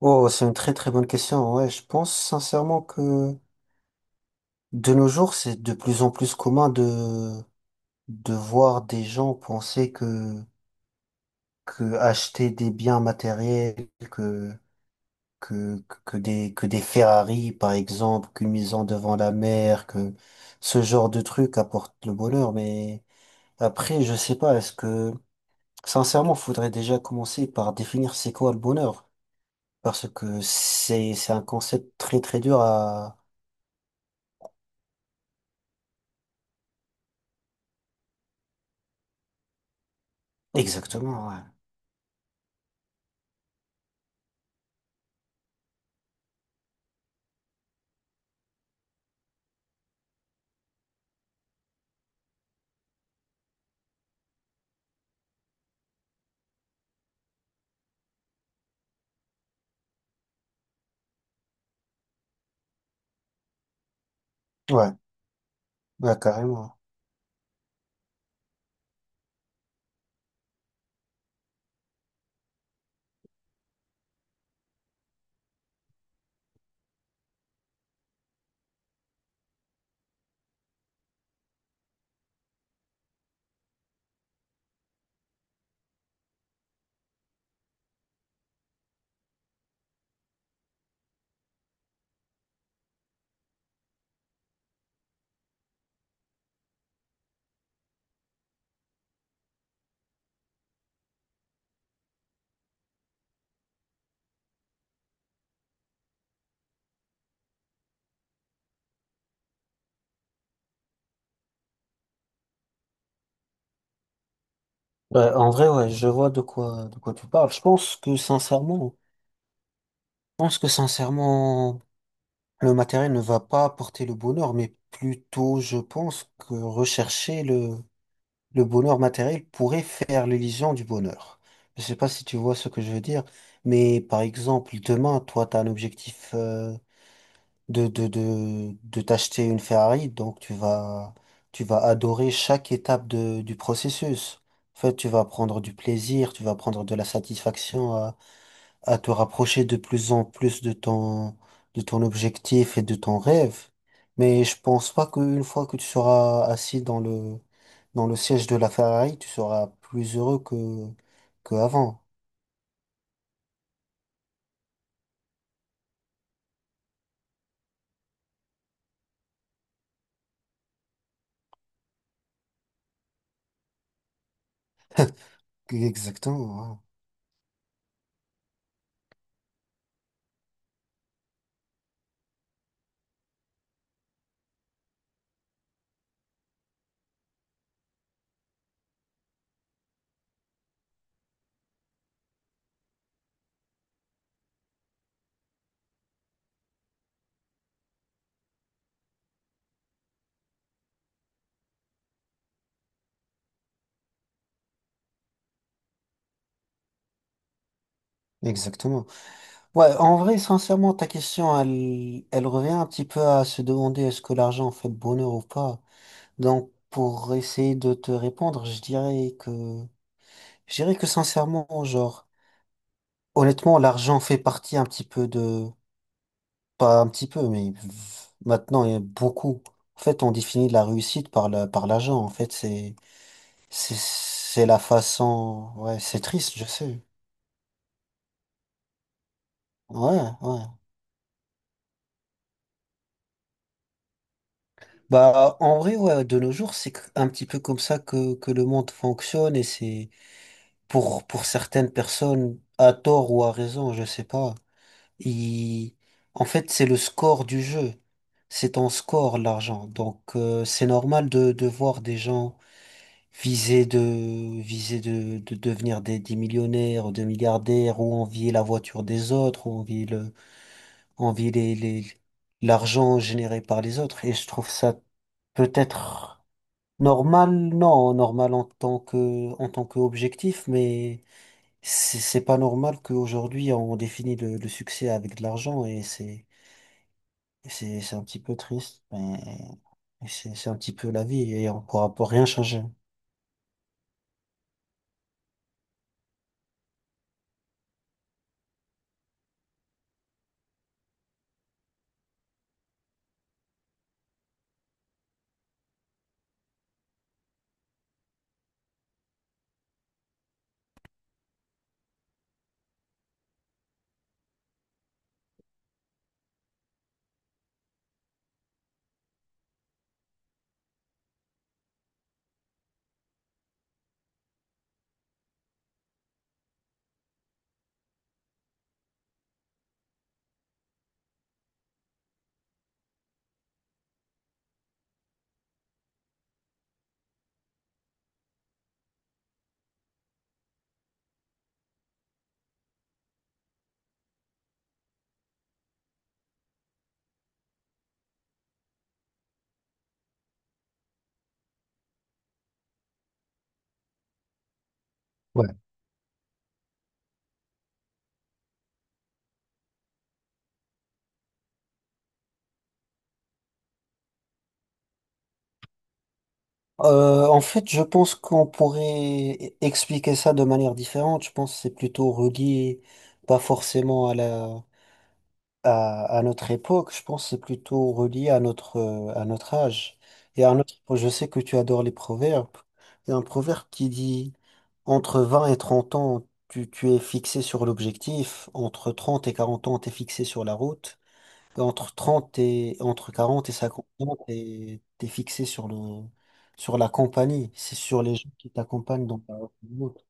Oh, c'est une très très bonne question. Ouais, je pense sincèrement que de nos jours, c'est de plus en plus commun de voir des gens penser que acheter des biens matériels, que des Ferrari par exemple, qu'une maison devant la mer, que ce genre de truc apporte le bonheur. Mais après, je sais pas. Est-ce que sincèrement, faudrait déjà commencer par définir c'est quoi le bonheur? Parce que c'est un concept très très dur à… Exactement, ouais. Ouais, bah carrément. Ouais, en vrai, ouais, je vois de quoi tu parles. Je pense que sincèrement, le matériel ne va pas apporter le bonheur, mais plutôt, je pense que rechercher le bonheur matériel pourrait faire l'illusion du bonheur. Je sais pas si tu vois ce que je veux dire, mais par exemple, demain, toi, tu as un objectif, de t'acheter une Ferrari, donc tu vas adorer chaque étape du processus. En fait, tu vas prendre du plaisir, tu vas prendre de la satisfaction à te rapprocher de plus en plus de de ton objectif et de ton rêve. Mais je pense pas qu'une fois que tu seras assis dans dans le siège de la Ferrari, tu seras plus heureux que avant. Exactement, ouais. Exactement. Ouais, en vrai, sincèrement, ta question, elle revient un petit peu à se demander est-ce que l'argent fait le bonheur ou pas. Donc, pour essayer de te répondre, je dirais que sincèrement, genre, honnêtement, l'argent fait partie un petit peu de, pas un petit peu, mais maintenant, il y a beaucoup. En fait, on définit la réussite par par l'argent. En fait, c'est la façon, ouais, c'est triste, je sais. Ouais, ouais. Bah, en vrai, ouais, de nos jours, un petit peu comme ça que le monde fonctionne et c'est pour certaines personnes, à tort ou à raison, je sais pas. ils- En fait, c'est le score du jeu. C'est ton score, l'argent. Donc, c'est normal de voir des gens viser de, viser de devenir des millionnaires ou des milliardaires ou envier la voiture des autres ou envier envier l'argent généré par les autres. Et je trouve ça peut-être… Normal, non, normal en tant que, en tant qu'objectif, mais c'est pas normal qu'aujourd'hui on définit le succès avec de l'argent et c'est un petit peu triste, mais c'est un petit peu la vie et on pourra pas rien changer. En fait, je pense qu'on pourrait expliquer ça de manière différente. Je pense que c'est plutôt relié, pas forcément à à notre époque, je pense que c'est plutôt relié à notre âge. Et à notre… Je sais que tu adores les proverbes. Il y a un proverbe qui dit, entre 20 et 30 ans, tu es fixé sur l'objectif. Entre 30 et 40 ans, tu es fixé sur la route. Et entre 30 et, entre 40 et cinquante ans, fixé sur le, sur la compagnie. C'est sur les gens qui t'accompagnent dans ta route.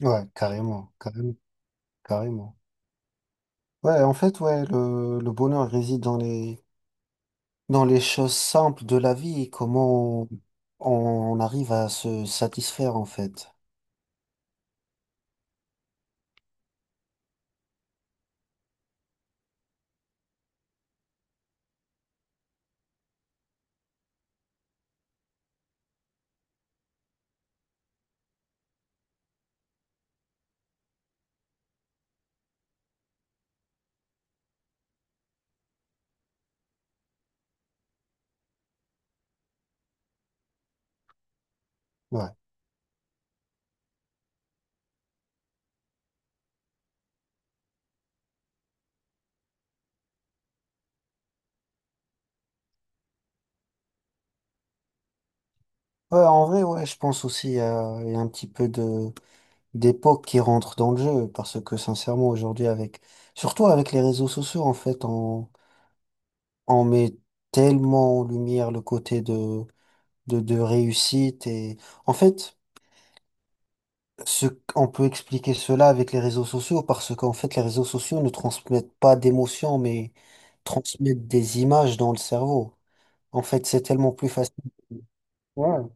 Ouais, carrément, carrément, carrément. Ouais, en fait, ouais, le bonheur réside dans les choses simples de la vie, comment on arrive à se satisfaire en fait. Ouais. Ouais, en vrai, ouais, je pense aussi, il y a un petit peu de d'époque qui rentre dans le jeu, parce que sincèrement aujourd'hui avec… surtout avec les réseaux sociaux, en fait on met tellement en lumière le côté de de réussite. Et en fait… Ce, on peut expliquer cela avec les réseaux sociaux parce qu'en fait, les réseaux sociaux ne transmettent pas d'émotions, mais transmettent des images dans le cerveau. En fait, c'est tellement plus facile. Ouais,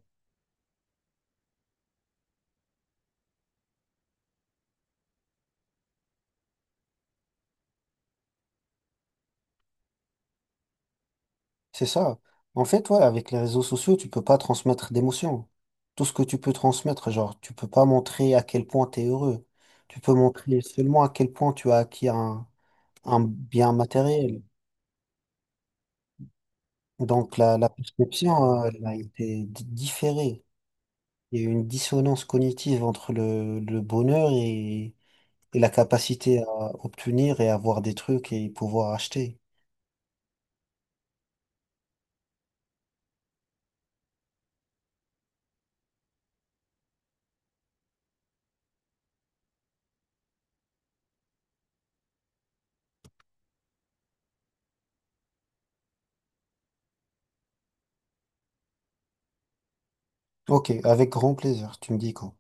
c'est ça. En fait, ouais, avec les réseaux sociaux, tu peux pas transmettre d'émotions. Tout ce que tu peux transmettre, genre, tu peux pas montrer à quel point tu es heureux. Tu peux montrer seulement à quel point tu as acquis un bien matériel. Donc, la perception, elle a été différée. Il y a une dissonance cognitive entre le bonheur et la capacité à obtenir et avoir des trucs et pouvoir acheter. Ok, avec grand plaisir, tu me dis quand.